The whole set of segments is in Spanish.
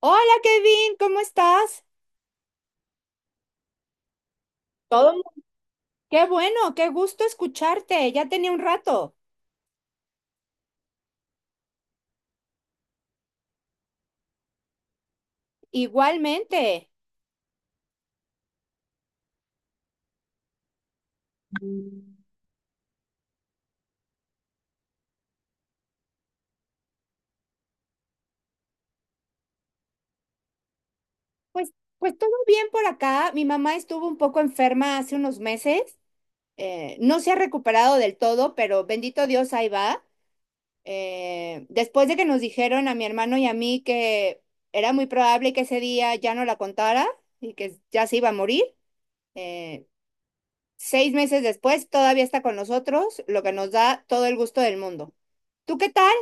Hola Kevin, ¿cómo estás? Todo mu- Qué bueno, qué gusto escucharte. Ya tenía un rato. Igualmente. Pues, pues todo bien por acá. Mi mamá estuvo un poco enferma hace unos meses. No se ha recuperado del todo, pero bendito Dios, ahí va. Después de que nos dijeron a mi hermano y a mí que era muy probable que ese día ya no la contara y que ya se iba a morir, eh, 6 meses después, todavía está con nosotros, lo que nos da todo el gusto del mundo. ¿Tú qué tal?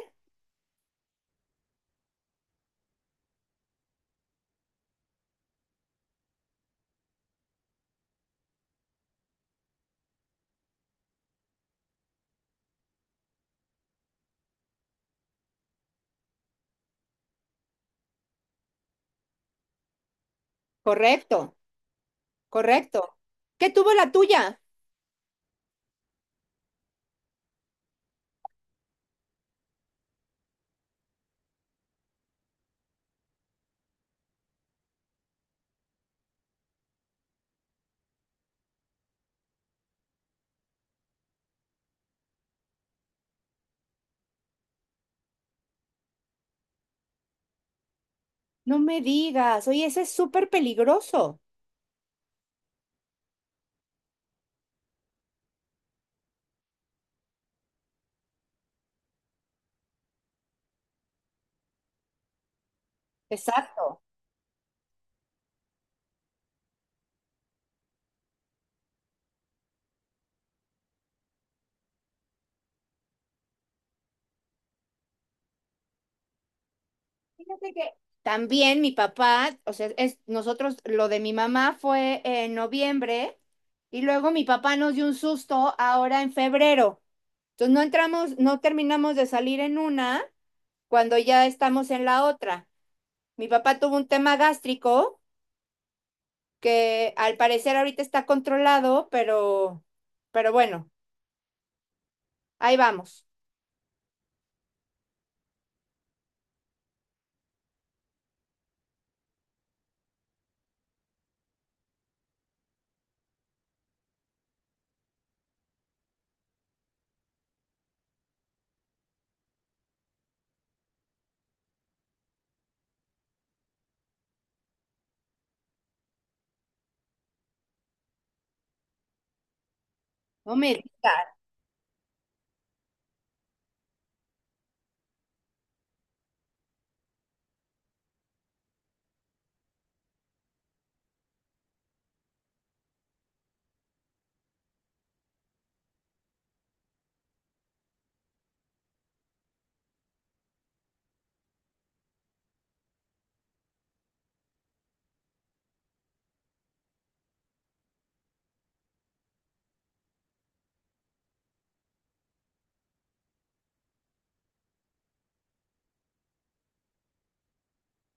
Correcto, correcto. ¿Qué tuvo la tuya? No me digas, oye, ese es súper peligroso. Exacto. Fíjate que también mi papá, o sea, es, nosotros, lo de mi mamá fue en noviembre y luego mi papá nos dio un susto ahora en febrero. Entonces no terminamos de salir en una cuando ya estamos en la otra. Mi papá tuvo un tema gástrico que al parecer ahorita está controlado, pero bueno, ahí vamos. No me digas.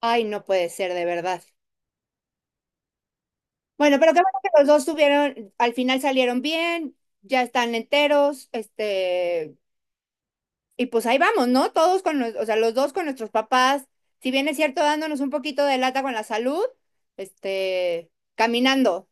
Ay, no puede ser de verdad. Bueno, pero qué bueno que los dos tuvieron, al final salieron bien, ya están enteros, este, y pues ahí vamos, ¿no? Todos con los, o sea, los dos con nuestros papás, si bien es cierto, dándonos un poquito de lata con la salud, este, caminando.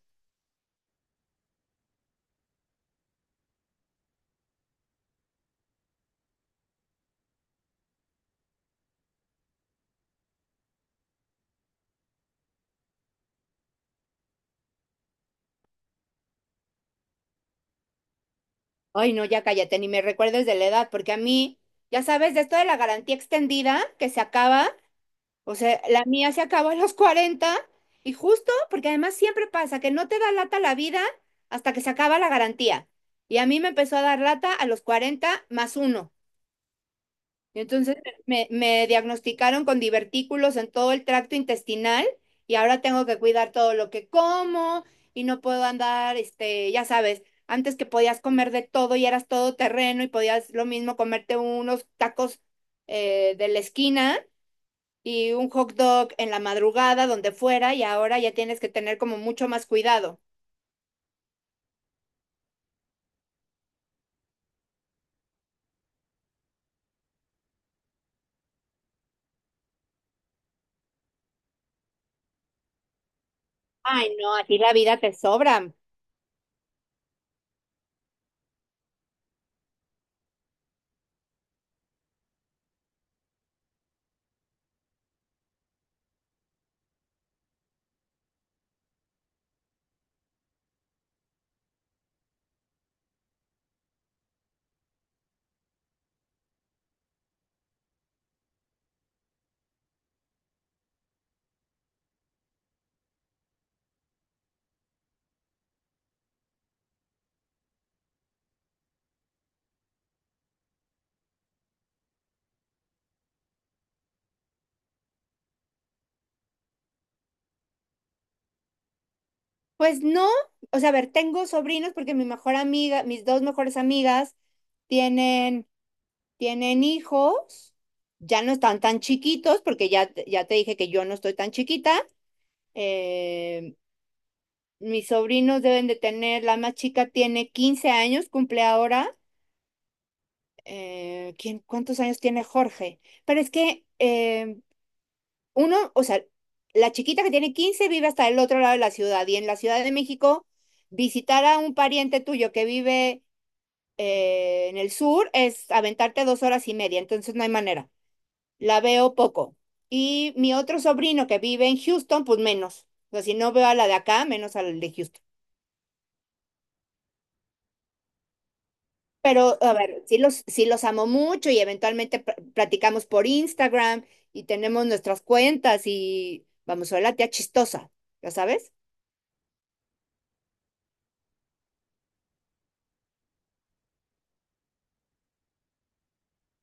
Ay, no, ya cállate, ni me recuerdes de la edad, porque a mí, ya sabes, de esto de la garantía extendida que se acaba, o sea, la mía se acabó a los 40 y justo porque además siempre pasa que no te da lata la vida hasta que se acaba la garantía. Y a mí me empezó a dar lata a los 40 más 1. Entonces me diagnosticaron con divertículos en todo el tracto intestinal y ahora tengo que cuidar todo lo que como y no puedo andar, este, ya sabes, antes que podías comer de todo y eras todo terreno y podías lo mismo comerte unos tacos de la esquina y un hot dog en la madrugada, donde fuera, y ahora ya tienes que tener como mucho más cuidado. Ay, no, a ti la vida te sobra. Pues no, o sea, a ver, tengo sobrinos porque mi mejor amiga, mis dos mejores amigas tienen, tienen hijos, ya no están tan chiquitos porque ya, ya te dije que yo no estoy tan chiquita. eh, Mis sobrinos deben de tener, la más chica tiene 15 años, cumple ahora. ¿Quién, cuántos años tiene Jorge? Pero es que uno, o sea, la chiquita que tiene 15 vive hasta el otro lado de la ciudad y en la Ciudad de México visitar a un pariente tuyo que vive en el sur es aventarte 2 horas y media, entonces no hay manera. La veo poco. Y mi otro sobrino que vive en Houston, pues menos. O sea, si no veo a la de acá, menos a la de Houston. Pero, a ver, sí los amo mucho y eventualmente platicamos por Instagram y tenemos nuestras cuentas y vamos, soy la tía chistosa, ¿ya sabes?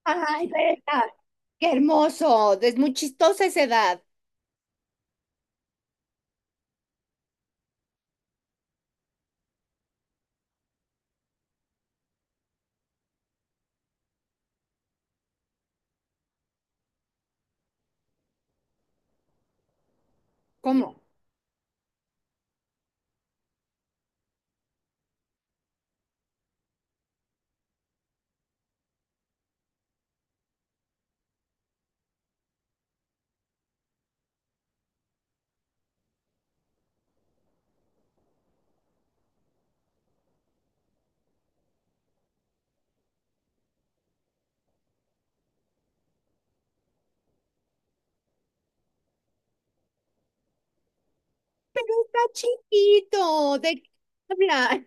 Ay, pero ¡Qué hermoso! Es muy chistosa esa edad. ¿Cómo? Pero está chiquito, ¿de qué habla?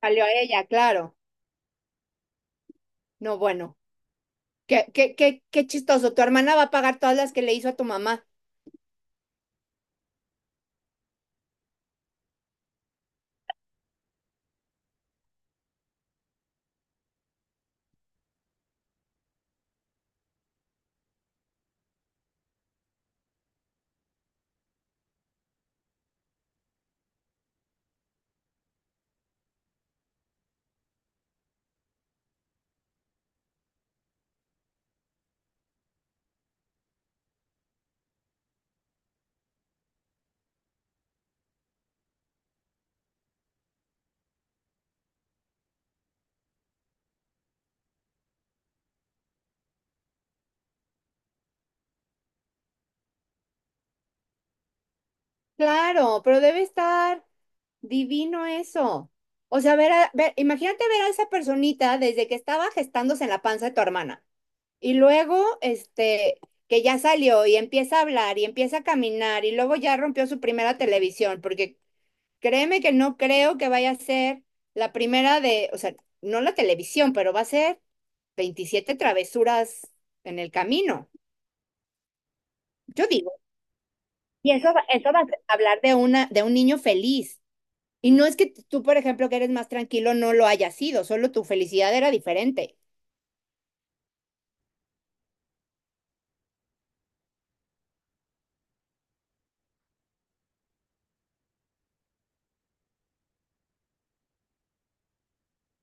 Salió a ella, claro. No, bueno, qué chistoso. Tu hermana va a pagar todas las que le hizo a tu mamá. Claro, pero debe estar divino eso. O sea, ver, ver, imagínate ver a esa personita desde que estaba gestándose en la panza de tu hermana. Y luego, este, que ya salió y empieza a hablar y empieza a caminar y luego ya rompió su primera televisión, porque créeme que no creo que vaya a ser la primera de, o sea, no la televisión, pero va a ser 27 travesuras en el camino, yo digo. Y eso, eso va a hablar de, una, de un niño feliz. Y no es que tú, por ejemplo, que eres más tranquilo, no lo hayas sido, solo tu felicidad era diferente.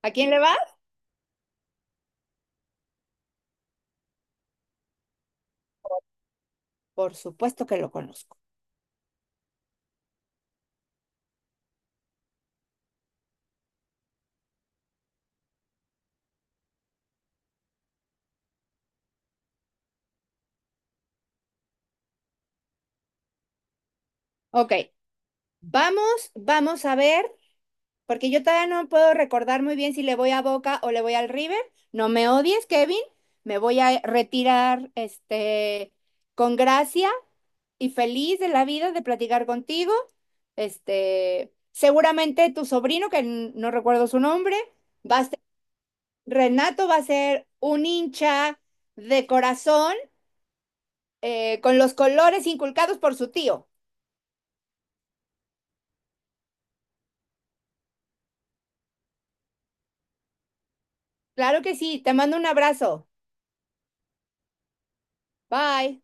¿A quién le va? Por supuesto que lo conozco. Ok, vamos a ver, porque yo todavía no puedo recordar muy bien si le voy a Boca o le voy al River. No me odies, Kevin. Me voy a retirar este, con gracia y feliz de la vida de platicar contigo. Este, seguramente tu sobrino, que no recuerdo su nombre, va a ser, Renato va a ser un hincha de corazón con los colores inculcados por su tío. Claro que sí, te mando un abrazo. Bye.